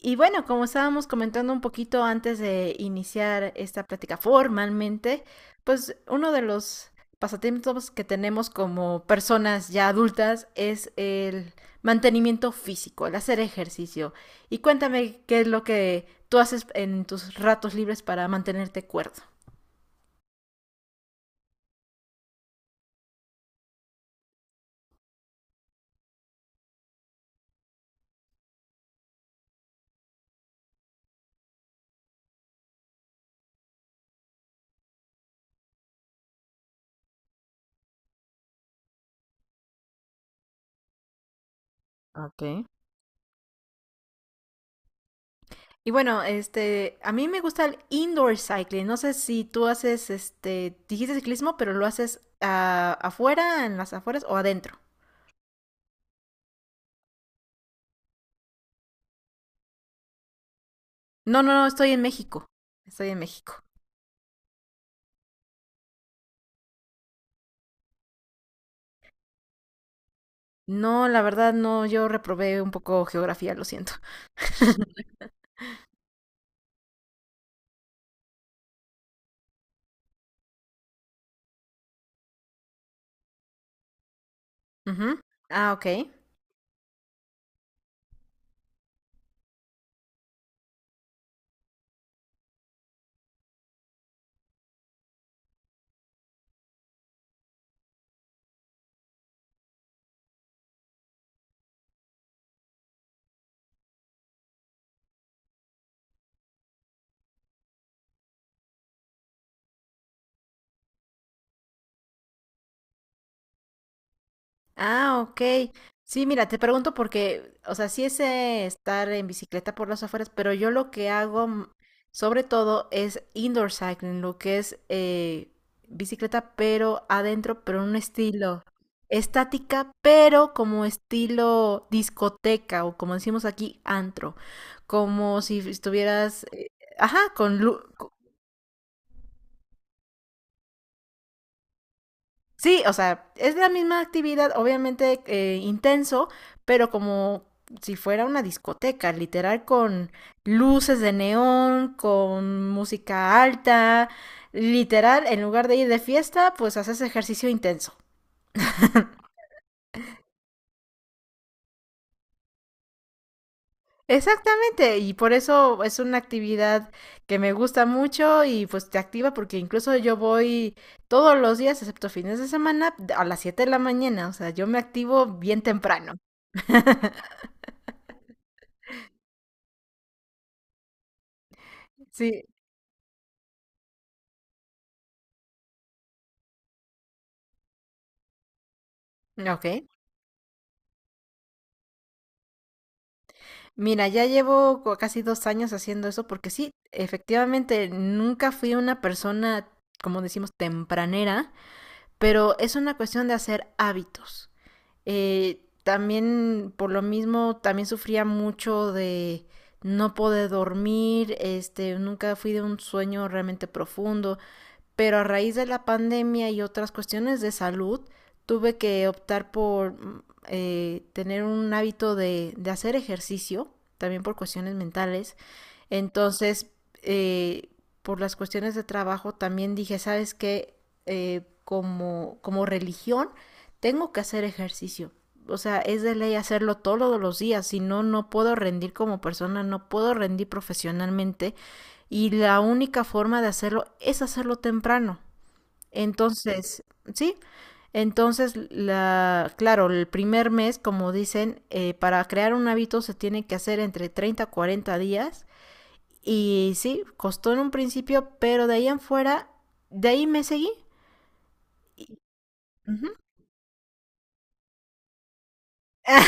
Y bueno, como estábamos comentando un poquito antes de iniciar esta plática formalmente, pues uno de los pasatiempos que tenemos como personas ya adultas es el mantenimiento físico, el hacer ejercicio. Y cuéntame qué es lo que tú haces en tus ratos libres para mantenerte cuerdo. Ok. Y bueno, a mí me gusta el indoor cycling. No sé si tú haces, dijiste ciclismo, pero lo haces afuera, en las afueras o adentro. No, no, no, estoy en México. Estoy en México. No, la verdad no, yo reprobé un poco geografía, lo siento. Ujú. Ah, ok. Ah, ok. Sí, mira, te pregunto porque, o sea, sí es estar en bicicleta por las afueras, pero yo lo que hago sobre todo es indoor cycling, lo que es bicicleta pero adentro, pero en un estilo estática, pero como estilo discoteca o como decimos aquí, antro, como si estuvieras, ajá, con luz. Sí, o sea, es la misma actividad, obviamente intenso, pero como si fuera una discoteca, literal con luces de neón, con música alta, literal, en lugar de ir de fiesta, pues haces ejercicio intenso. Exactamente, y por eso es una actividad que me gusta mucho y pues te activa porque incluso yo voy todos los días, excepto fines de semana, a las 7 de la mañana, o sea, yo me activo bien temprano. Sí, ok. Mira, ya llevo casi 2 años haciendo eso porque sí, efectivamente, nunca fui una persona, como decimos, tempranera, pero es una cuestión de hacer hábitos. También, por lo mismo, también sufría mucho de no poder dormir, nunca fui de un sueño realmente profundo pero a raíz de la pandemia y otras cuestiones de salud, tuve que optar por tener un hábito de hacer ejercicio, también por cuestiones mentales, entonces, eh, por las cuestiones de trabajo, también dije, ¿sabes qué? Como religión, tengo que hacer ejercicio. O sea, es de ley hacerlo todos los días, si no, no puedo rendir como persona, no puedo rendir profesionalmente y la única forma de hacerlo es hacerlo temprano. Entonces, ¿sí? Entonces, claro, el primer mes, como dicen, para crear un hábito se tiene que hacer entre 30 a 40 días y sí, costó en un principio, pero de ahí en fuera, de ahí me seguí. Ujú.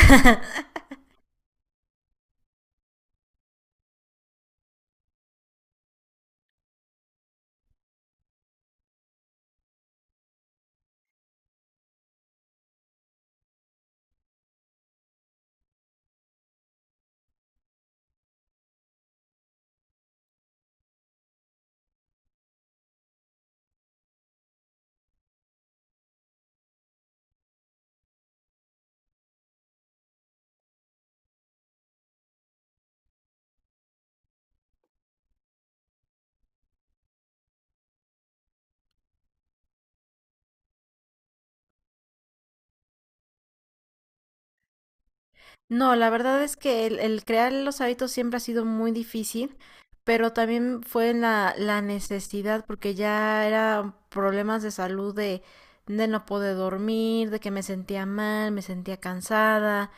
No, la verdad es que el crear los hábitos siempre ha sido muy difícil, pero también fue la necesidad, porque ya eran problemas de salud de no poder dormir, de que me sentía mal, me sentía cansada,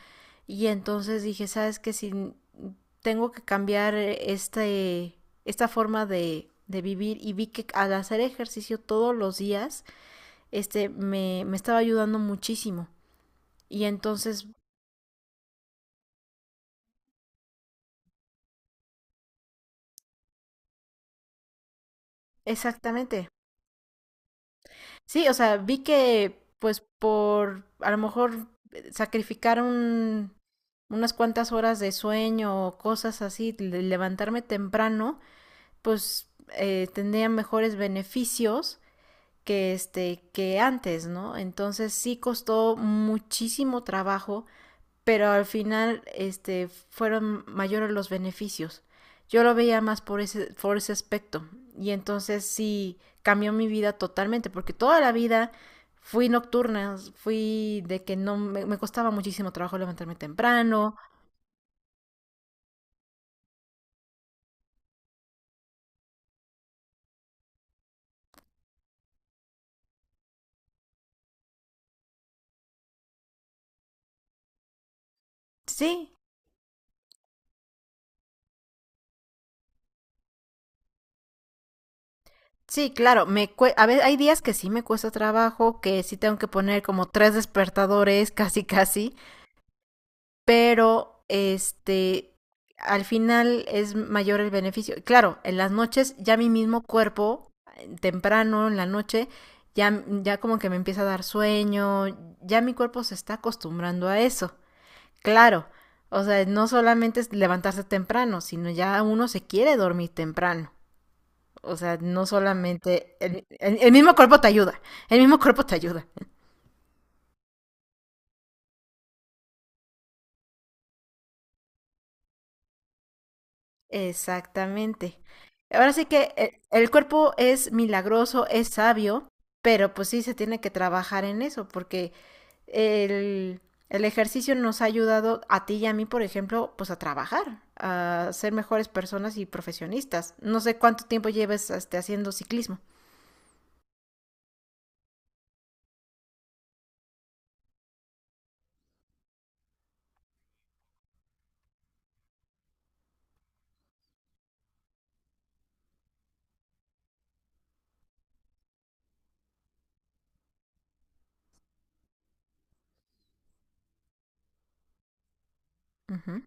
y entonces dije, ¿sabes qué? Si tengo que cambiar esta forma de vivir, y vi que al hacer ejercicio todos los días, me estaba ayudando muchísimo. Y entonces, exactamente. Sí, o sea, vi que pues por a lo mejor sacrificar unas cuantas horas de sueño o cosas así, levantarme temprano, pues tendría mejores beneficios que antes, ¿no? Entonces sí costó muchísimo trabajo pero al final fueron mayores los beneficios. Yo lo veía más por ese aspecto y entonces sí cambió mi vida totalmente porque toda la vida fui nocturna, fui de que no me costaba muchísimo trabajo levantarme temprano. Sí, sí, claro, a veces hay días que sí me cuesta trabajo, que sí tengo que poner como tres despertadores, casi casi, pero al final es mayor el beneficio. Claro, en las noches ya mi mismo cuerpo, temprano, en la noche, ya como que me empieza a dar sueño, ya mi cuerpo se está acostumbrando a eso. Claro, o sea, no solamente es levantarse temprano, sino ya uno se quiere dormir temprano. O sea, no solamente el mismo cuerpo te ayuda, el mismo cuerpo te ayuda. Exactamente. Ahora sí que el cuerpo es milagroso, es sabio, pero pues sí se tiene que trabajar en eso, porque el, el ejercicio nos ha ayudado a ti y a mí, por ejemplo, pues a trabajar, a ser mejores personas y profesionistas. No sé cuánto tiempo lleves haciendo ciclismo. Ujú,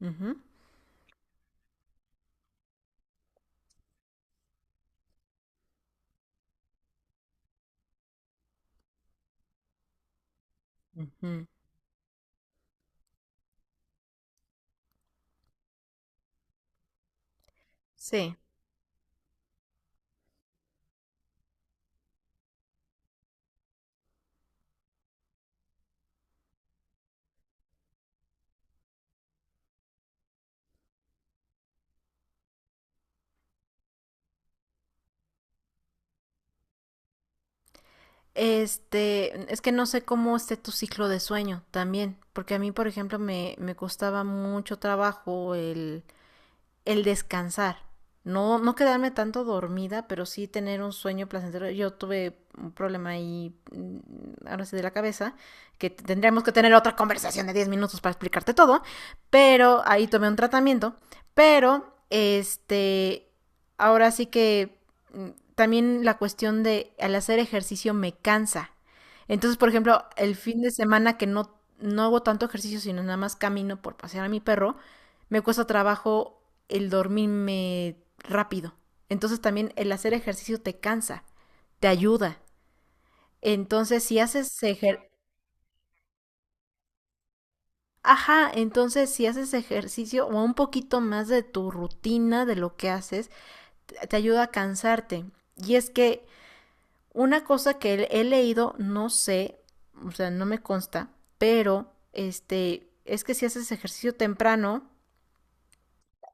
ujú, ujú. Sí. Es que no sé cómo esté tu ciclo de sueño también, porque a mí, por ejemplo, me costaba mucho trabajo el descansar. No, no quedarme tanto dormida, pero sí tener un sueño placentero. Yo tuve un problema ahí, ahora sí, de la cabeza, que tendríamos que tener otra conversación de 10 minutos para explicarte todo, pero ahí tomé un tratamiento, pero ahora sí que mm, también la cuestión de al hacer ejercicio me cansa. Entonces, por ejemplo, el fin de semana que no, no hago tanto ejercicio, sino nada más camino por pasear a mi perro, me cuesta trabajo el dormirme rápido. Entonces también el hacer ejercicio te cansa, te ayuda. Entonces si haces ejer- Ajá, entonces si haces ejercicio o un poquito más de tu rutina, de lo que haces, te ayuda a cansarte. Y es que una cosa que he leído, no sé, o sea, no me consta, pero es que si haces ejercicio temprano,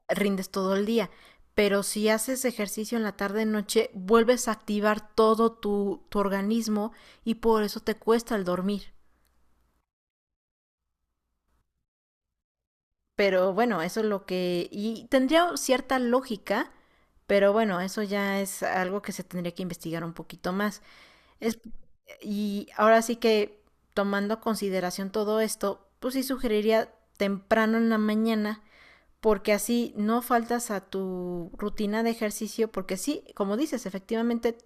rindes todo el día. Pero si haces ejercicio en la tarde noche, vuelves a activar todo tu organismo y por eso te cuesta el dormir. Pero bueno, eso es lo que. Y tendría cierta lógica, pero bueno, eso ya es algo que se tendría que investigar un poquito más. Es... Y ahora sí que tomando a consideración todo esto, pues sí sugeriría temprano en la mañana porque así no faltas a tu rutina de ejercicio, porque sí, como dices, efectivamente,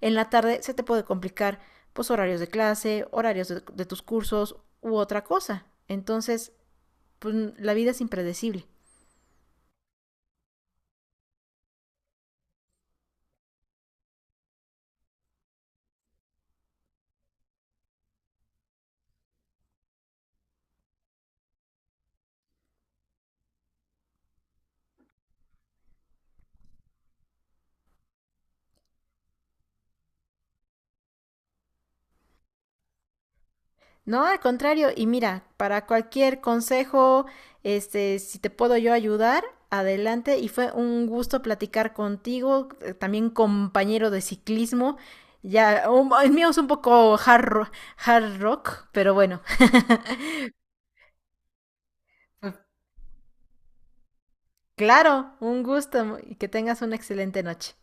en la tarde se te puede complicar pues horarios de clase, horarios de tus cursos u otra cosa. Entonces, pues, la vida es impredecible. No, al contrario, y mira, para cualquier consejo, si te puedo yo ayudar, adelante. Y fue un gusto platicar contigo, también compañero de ciclismo. Ya, el mío es un poco hard rock, pero bueno. Claro, un gusto y que tengas una excelente noche.